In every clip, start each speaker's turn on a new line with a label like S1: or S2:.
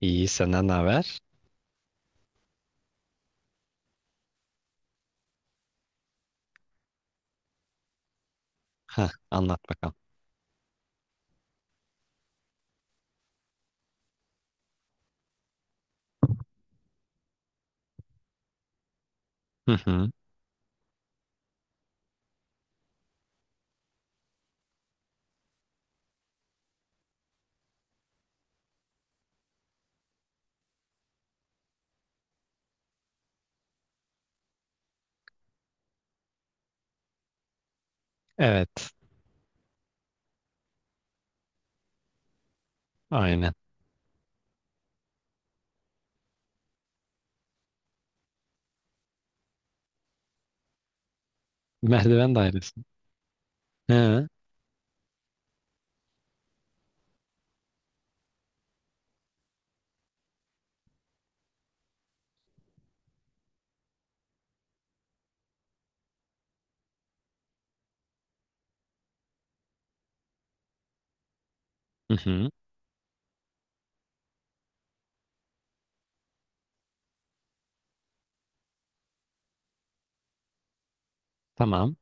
S1: İyi senden ne haber? Heh, anlat bakalım. Hı hı. Evet. Aynen. Merdiven dairesi. He. Hı hı. Tamam.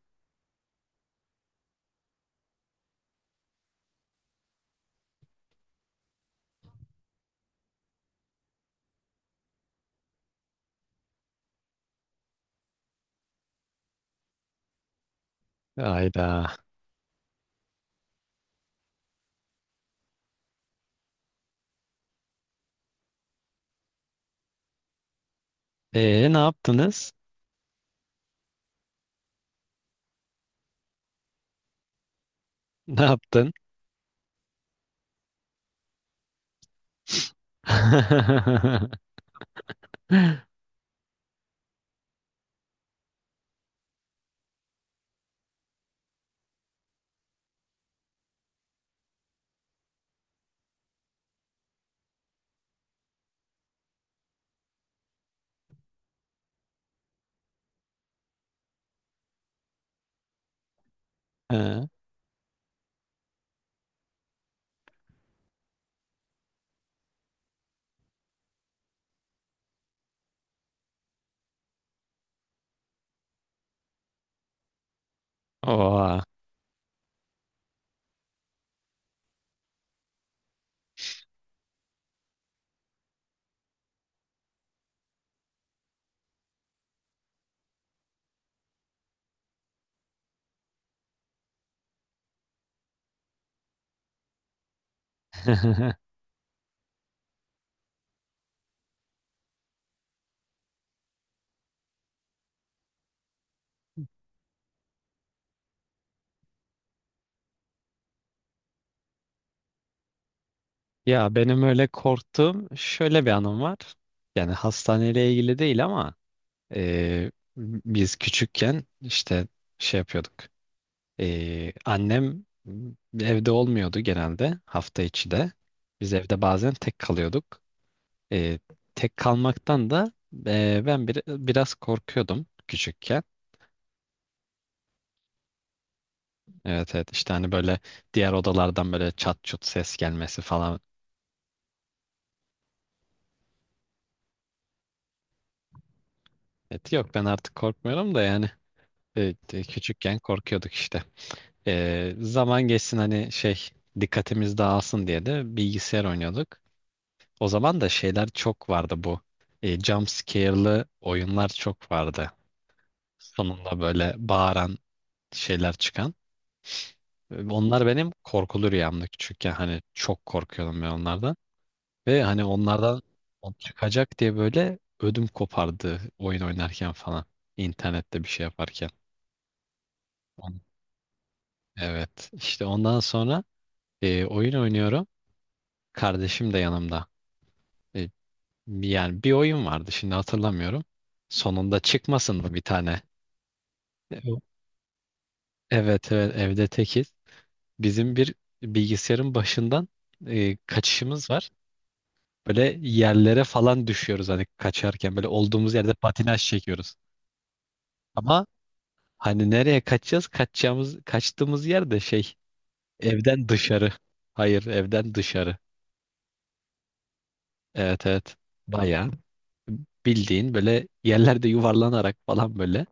S1: Ayda. E ne yaptınız? Ne yaptın? He. Oha. Ya benim öyle korktuğum şöyle bir anım var. Yani hastaneyle ilgili değil ama e, biz küçükken işte şey yapıyorduk. Annem evde olmuyordu genelde hafta içi de. Biz evde bazen tek kalıyorduk. Ee, Tek kalmaktan da ben biraz korkuyordum küçükken. Evet, evet, işte hani böyle diğer odalardan böyle çat çut ses gelmesi falan. Evet, yok, ben artık korkmuyorum da yani küçükken korkuyorduk işte. Zaman geçsin hani şey, dikkatimiz dağılsın diye de bilgisayar oynuyorduk. O zaman da şeyler çok vardı bu. E, jump scare'lı oyunlar çok vardı. Sonunda böyle bağıran şeyler çıkan. Onlar benim korkulu rüyamdı küçükken. Hani çok korkuyordum ben onlardan. Ve hani onlardan o çıkacak diye böyle ödüm kopardı oyun oynarken falan. İnternette bir şey yaparken. On- Evet. İşte ondan sonra oyun oynuyorum. Kardeşim de yanımda. E, Yani bir oyun vardı, şimdi hatırlamıyorum. Sonunda çıkmasın mı bir tane? Ev- Evet, evet, evde tekiz. Bizim bir bilgisayarın başından kaçışımız var. Böyle yerlere falan düşüyoruz hani kaçarken, böyle olduğumuz yerde patinaj çekiyoruz. Ama hani nereye kaçacağız? Kaçtığımız yer de şey, evden dışarı. Hayır, evden dışarı. Evet, evet. Bayağı bildiğin böyle yerlerde yuvarlanarak falan böyle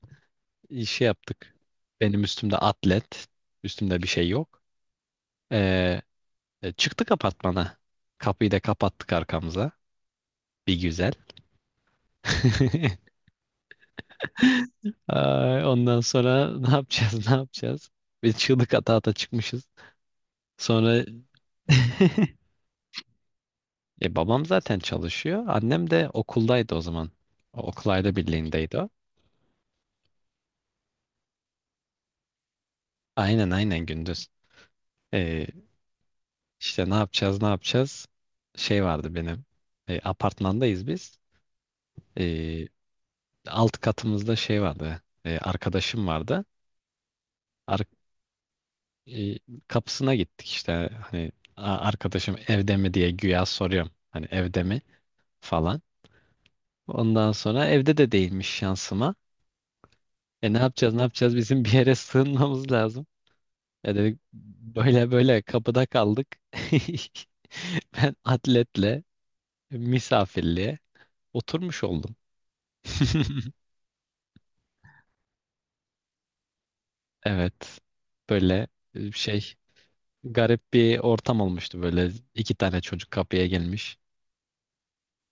S1: şey yaptık. Benim üstümde atlet. Üstümde bir şey yok. Ee, Çıktık apartmana. Kapıyı da kapattık arkamıza. Bir güzel. Ay, ondan sonra ne yapacağız, ne yapacağız? Biz çığlık ata ata çıkmışız. Sonra babam zaten çalışıyor. Annem de okuldaydı o zaman. O, okul aile birliğindeydi o. Aynen, aynen, gündüz. E, işte ne yapacağız, ne yapacağız? Şey vardı benim. E, apartmandayız biz. E, alt katımızda şey vardı. E, arkadaşım vardı. e, Kapısına gittik işte, hani "Aa, arkadaşım evde mi?" diye güya soruyorum. Hani evde mi falan. Ondan sonra evde de değilmiş şansıma. E ne yapacağız, ne yapacağız, bizim bir yere sığınmamız lazım. E dedik, böyle böyle kapıda kaldık. Ben atletle misafirliğe oturmuş oldum. Evet. Böyle şey, garip bir ortam olmuştu, böyle iki tane çocuk kapıya gelmiş.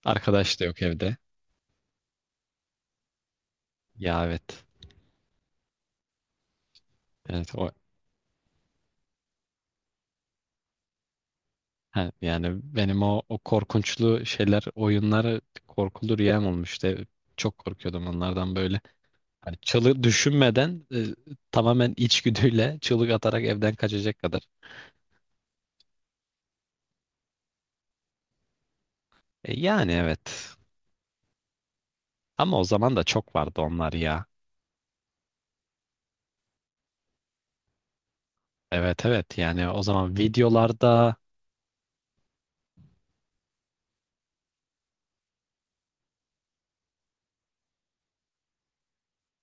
S1: Arkadaş da yok evde. Ya, evet. Evet, o ha, yani benim o korkunçlu şeyler, oyunlar korkulu rüyam olmuştu. E, çok korkuyordum onlardan böyle. Hani çığlık, düşünmeden tamamen içgüdüyle çığlık atarak evden kaçacak kadar. E, yani evet. Ama o zaman da çok vardı onlar ya. Evet, evet, yani o zaman videolarda,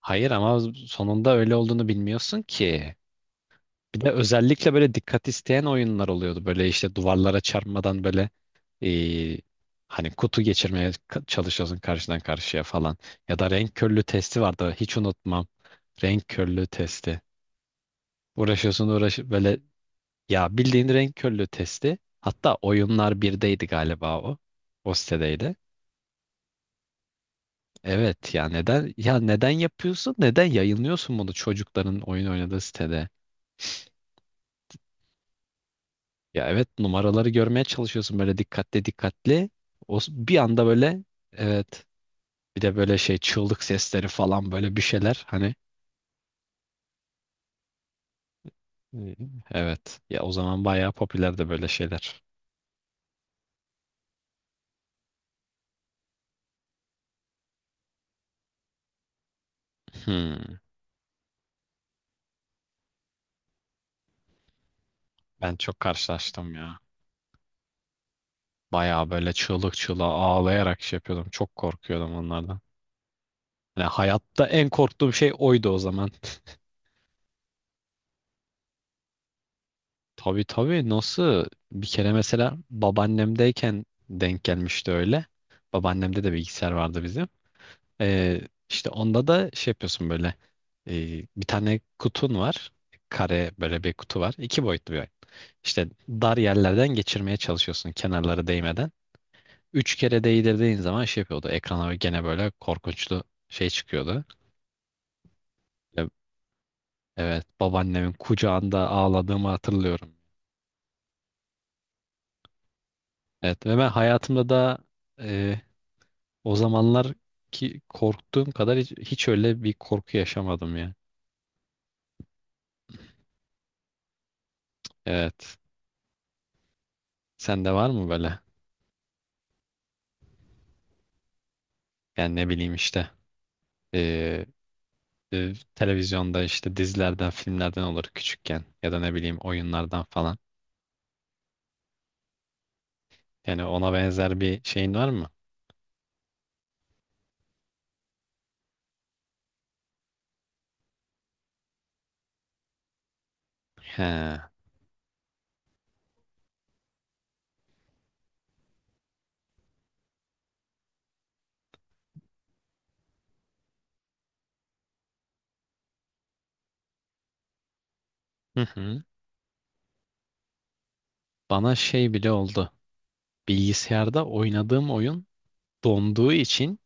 S1: hayır ama sonunda öyle olduğunu bilmiyorsun ki. Bir de özellikle böyle dikkat isteyen oyunlar oluyordu. Böyle işte duvarlara çarpmadan böyle e, hani kutu geçirmeye çalışıyorsun karşıdan karşıya falan. Ya da renk körlüğü testi vardı, hiç unutmam. Renk körlüğü testi. Uğraşıyorsun uğraş böyle, ya bildiğin renk körlüğü testi. Hatta oyunlar birdeydi galiba o. O sitedeydi. Evet ya, neden ya, neden yapıyorsun? Neden yayınlıyorsun bunu çocukların oyun oynadığı sitede? Ya evet, numaraları görmeye çalışıyorsun böyle dikkatli dikkatli. Bir anda böyle, evet. Bir de böyle şey, çığlık sesleri falan böyle bir şeyler. Hani e, evet. Ya o zaman bayağı popülerdi böyle şeyler. Hmm. Ben çok karşılaştım ya. Bayağı böyle çığlık çığlığa ağlayarak şey yapıyordum. Çok korkuyordum onlardan. Yani hayatta en korktuğum şey oydu o zaman. Tabii, tabii, nasıl? Bir kere mesela babaannemdeyken denk gelmişti öyle. Babaannemde de bilgisayar vardı bizim. Ee, işte onda da şey yapıyorsun böyle, bir tane kutun var. Kare böyle bir kutu var. İki boyutlu bir oyun. İşte dar yerlerden geçirmeye çalışıyorsun kenarları değmeden. Üç kere değdirdiğin zaman şey yapıyordu. Ekrana gene böyle korkunçlu şey çıkıyordu. E- Evet, babaannemin kucağında ağladığımı hatırlıyorum. Evet ve ben hayatımda da e, o zamanlar ki korktuğum kadar hiç öyle bir korku yaşamadım ya. Evet. Sende var mı böyle? Yani ne bileyim işte. Ee, Televizyonda işte dizilerden, filmlerden olur küçükken, ya da ne bileyim oyunlardan falan. Yani ona benzer bir şeyin var mı? He. Hı hı. Bana şey bile oldu. Bilgisayarda oynadığım oyun donduğu için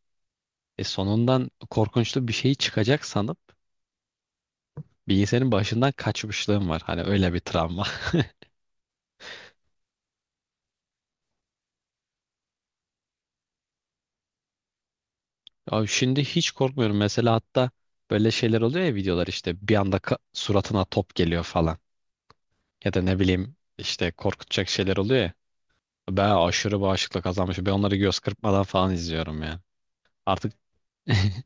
S1: sonundan korkunçlu bir şey çıkacak sanıp bilgisayarın başından kaçmışlığım var. Hani öyle bir travma. Abi şimdi hiç korkmuyorum. Mesela hatta böyle şeyler oluyor ya, videolar işte bir anda suratına top geliyor falan. Ya da ne bileyim işte korkutacak şeyler oluyor ya. Ben aşırı bağışıklık kazanmışım. Ben onları göz kırpmadan falan izliyorum yani. Artık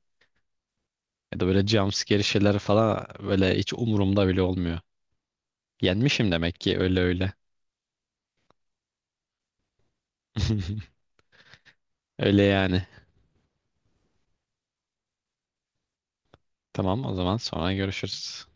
S1: ya da böyle jumpscare şeyler falan, böyle hiç umurumda bile olmuyor. Yenmişim demek ki, öyle öyle. Öyle yani. Tamam, o zaman sonra görüşürüz.